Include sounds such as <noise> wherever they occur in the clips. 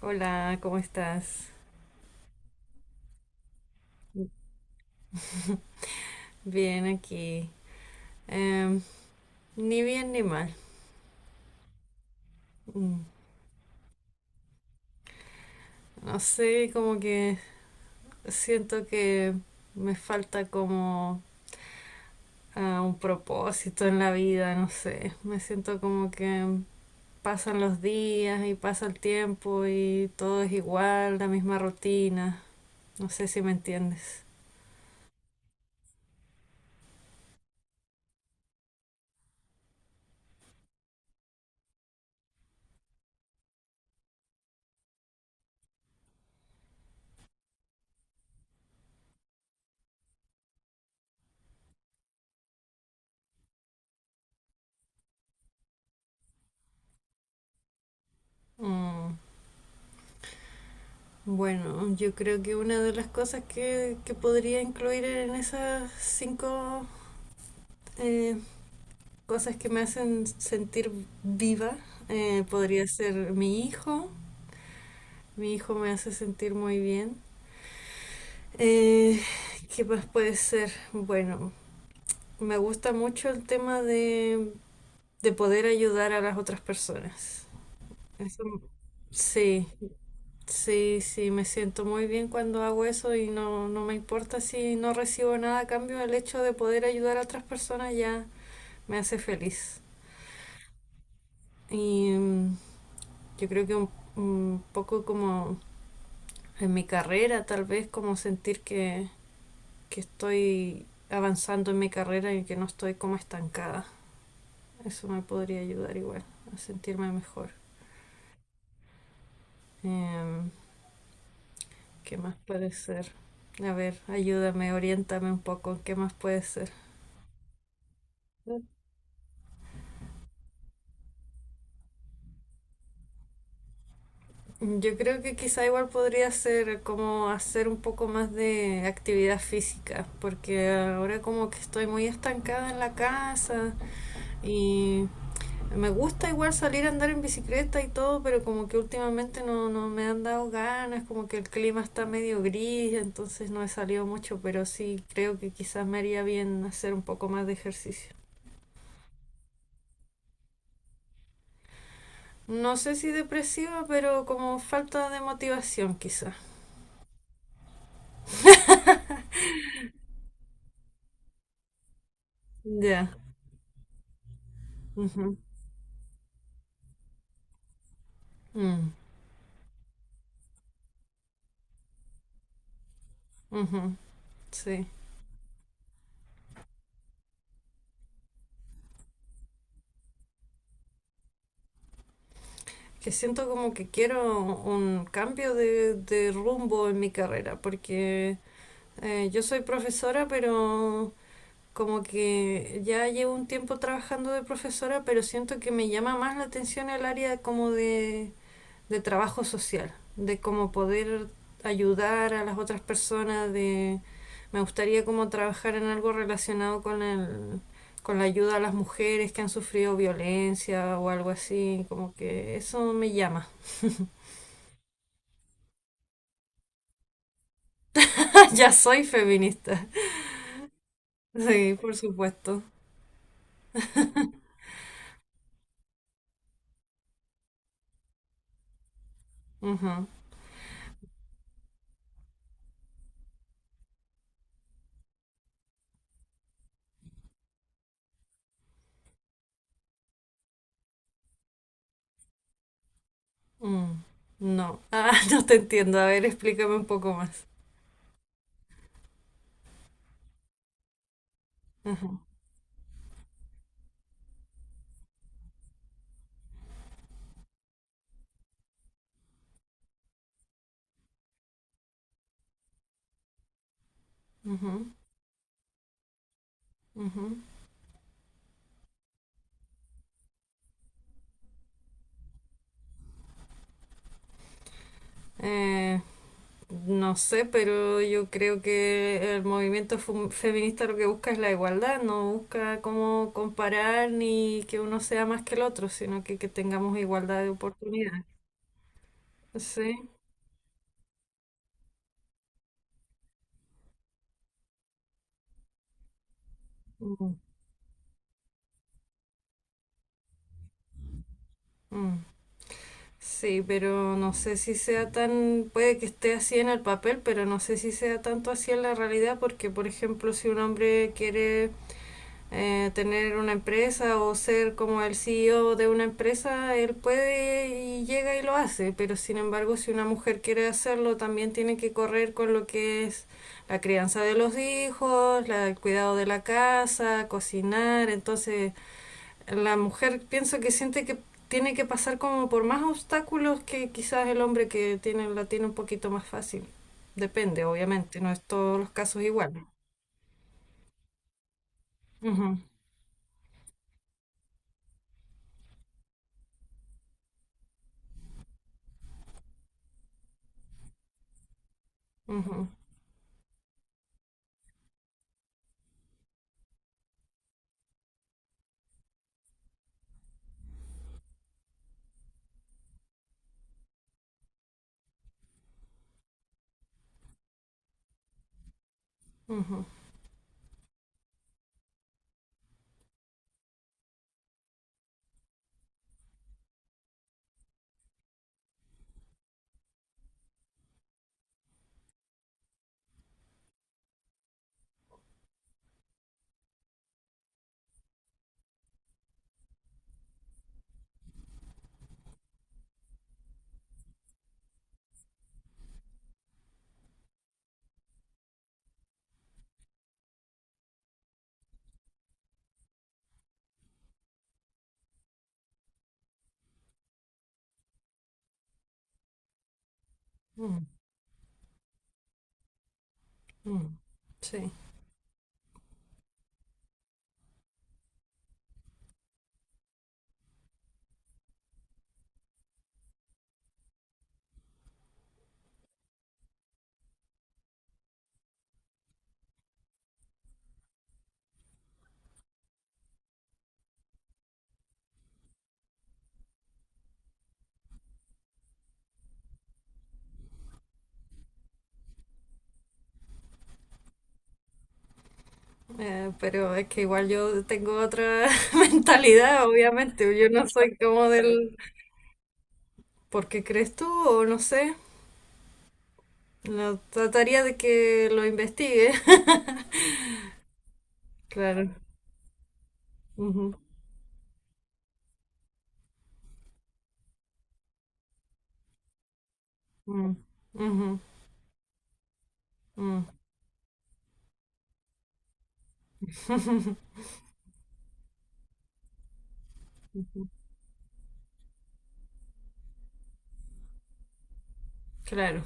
Hola, ¿cómo estás? Bien aquí. Em, Ni bien ni mal. Mm, No sé, como que siento que me falta como un propósito en la vida, no sé. Me siento como que pasan los días y pasa el tiempo y todo es igual, la misma rutina. No sé si me entiendes. Mm, Bueno, yo creo que una de las cosas que podría incluir en esas cinco eh, cosas que me hacen sentir viva. Podría ser mi hijo. Mi hijo me hace sentir muy bien. Eh, ¿Qué más puede ser? Bueno, me gusta mucho el tema de poder ayudar a las otras personas. Eso, sí, sí, sí, me siento muy bien cuando hago eso y no, no me importa si no recibo nada a cambio. El hecho de poder ayudar a otras personas ya me hace feliz. Y mm, Yo creo que un poco como en mi carrera, tal vez como sentir que estoy avanzando en mi carrera y que no estoy como estancada. Eso me podría ayudar igual a sentirme mejor. Em, ¿Qué más puede ser? A ver, ayúdame, oriéntame un poco, ¿qué más puede ser? Yo creo que quizá igual podría ser como hacer un poco más de actividad física, porque ahora como que estoy muy estancada en la casa y me gusta igual salir a andar en bicicleta y todo, pero como que últimamente no, no me han dado ganas, como que el clima está medio gris, entonces no he salido mucho, pero sí creo que quizás me haría bien hacer un poco más de ejercicio. No sé si depresiva, pero como falta de motivación quizás. Ya. Ujú. Mm, ujú. Sí. Que siento como que quiero un cambio de rumbo en mi carrera, porque yo soy profesora, pero... Como que ya llevo un tiempo trabajando de profesora, pero siento que me llama más la atención el área como de trabajo social, de cómo poder ayudar a las otras personas, de me gustaría como trabajar en algo relacionado con con la ayuda a las mujeres que han sufrido violencia o algo así, como que eso me llama. <laughs> Ya soy feminista. Sí, por supuesto. Ujú. Mm. No. Ah, <laughs> no te entiendo. A ver, explícame un poco más. Ujú, ujú, ujú. Eh, no sé, pero yo creo que el movimiento feminista lo que busca es la igualdad, no busca cómo comparar ni que uno sea más que el otro, sino que tengamos igualdad de oportunidades. Sí. Mm, mm. Sí, pero no sé si sea tan, puede que esté así en el papel, pero no sé si sea tanto así en la realidad, porque por ejemplo, si un hombre quiere tener una empresa o ser como el CEO de una empresa, él puede y llega y lo hace, pero sin embargo, si una mujer quiere hacerlo, también tiene que correr con lo que es la crianza de los hijos, el cuidado de la casa, cocinar, entonces la mujer pienso que siente que tiene que pasar como por más obstáculos que quizás el hombre que tiene, la tiene un poquito más fácil. Depende, obviamente, no es todos los casos iguales. Ujú, ujú, ujú, ujú, ujú. Sí, pero es que igual yo tengo otra <laughs> mentalidad, obviamente. Yo no soy como del... ¿Por qué crees tú? O no sé. Lo trataría de que lo investigue. <laughs> Claro. Ujú, mm, ujú, mm, claro.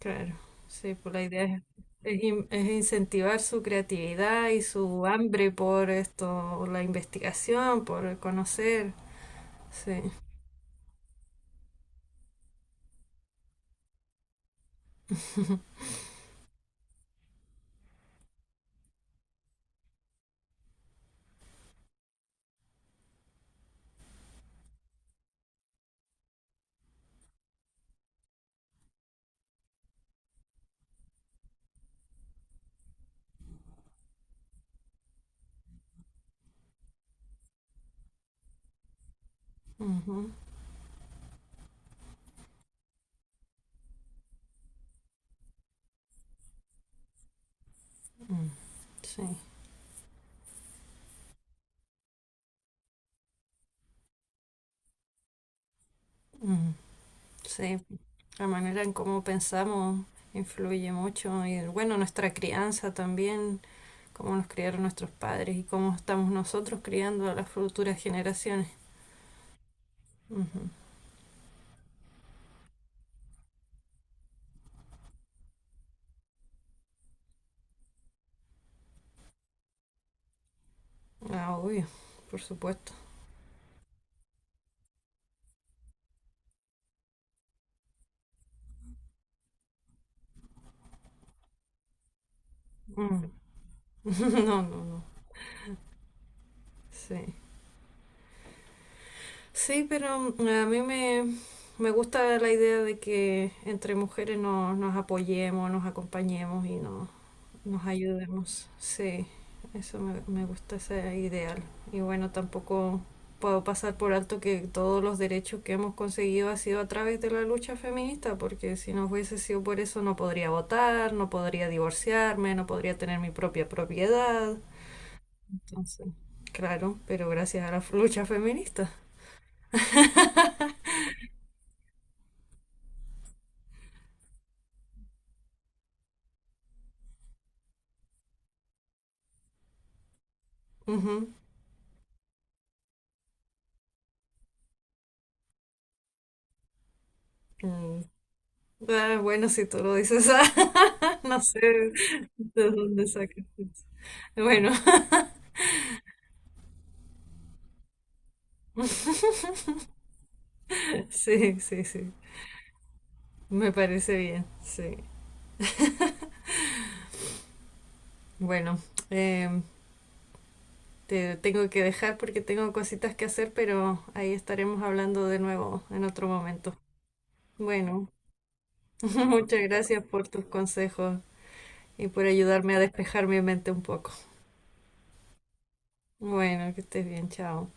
Claro, sí, pues la idea es es incentivar su creatividad y su hambre por esto, la investigación, por conocer. Sí, ujú, mm, sí, mm, sí, la manera en cómo pensamos influye mucho y bueno, nuestra crianza también, cómo nos criaron nuestros padres y cómo estamos nosotros criando a las futuras generaciones. Ujú. Ah, obvio, por supuesto. Mm. <laughs> No, no, no. Sí. Sí, pero a me gusta la idea de que entre mujeres nos apoyemos, nos acompañemos y nos ayudemos. Sí, eso me gusta ese ideal. Y bueno, tampoco puedo pasar por alto que todos los derechos que hemos conseguido ha sido a través de la lucha feminista, porque si no hubiese sido por eso no podría votar, no podría divorciarme, no podría tener mi propia propiedad. Entonces, claro, pero gracias a la lucha feminista. Ujú. Mm, Ah, bueno, si tú lo dices, <laughs> ah, no sé de dónde sacas eso. Bueno, <laughs> sí, sí, sí, me parece bien, sí. Bueno, em, te tengo que dejar porque tengo cositas que hacer, pero ahí estaremos hablando de nuevo en otro momento. Bueno, <laughs> muchas gracias por tus consejos y por ayudarme a despejar mi mente un poco. Bueno, que estés bien, chao.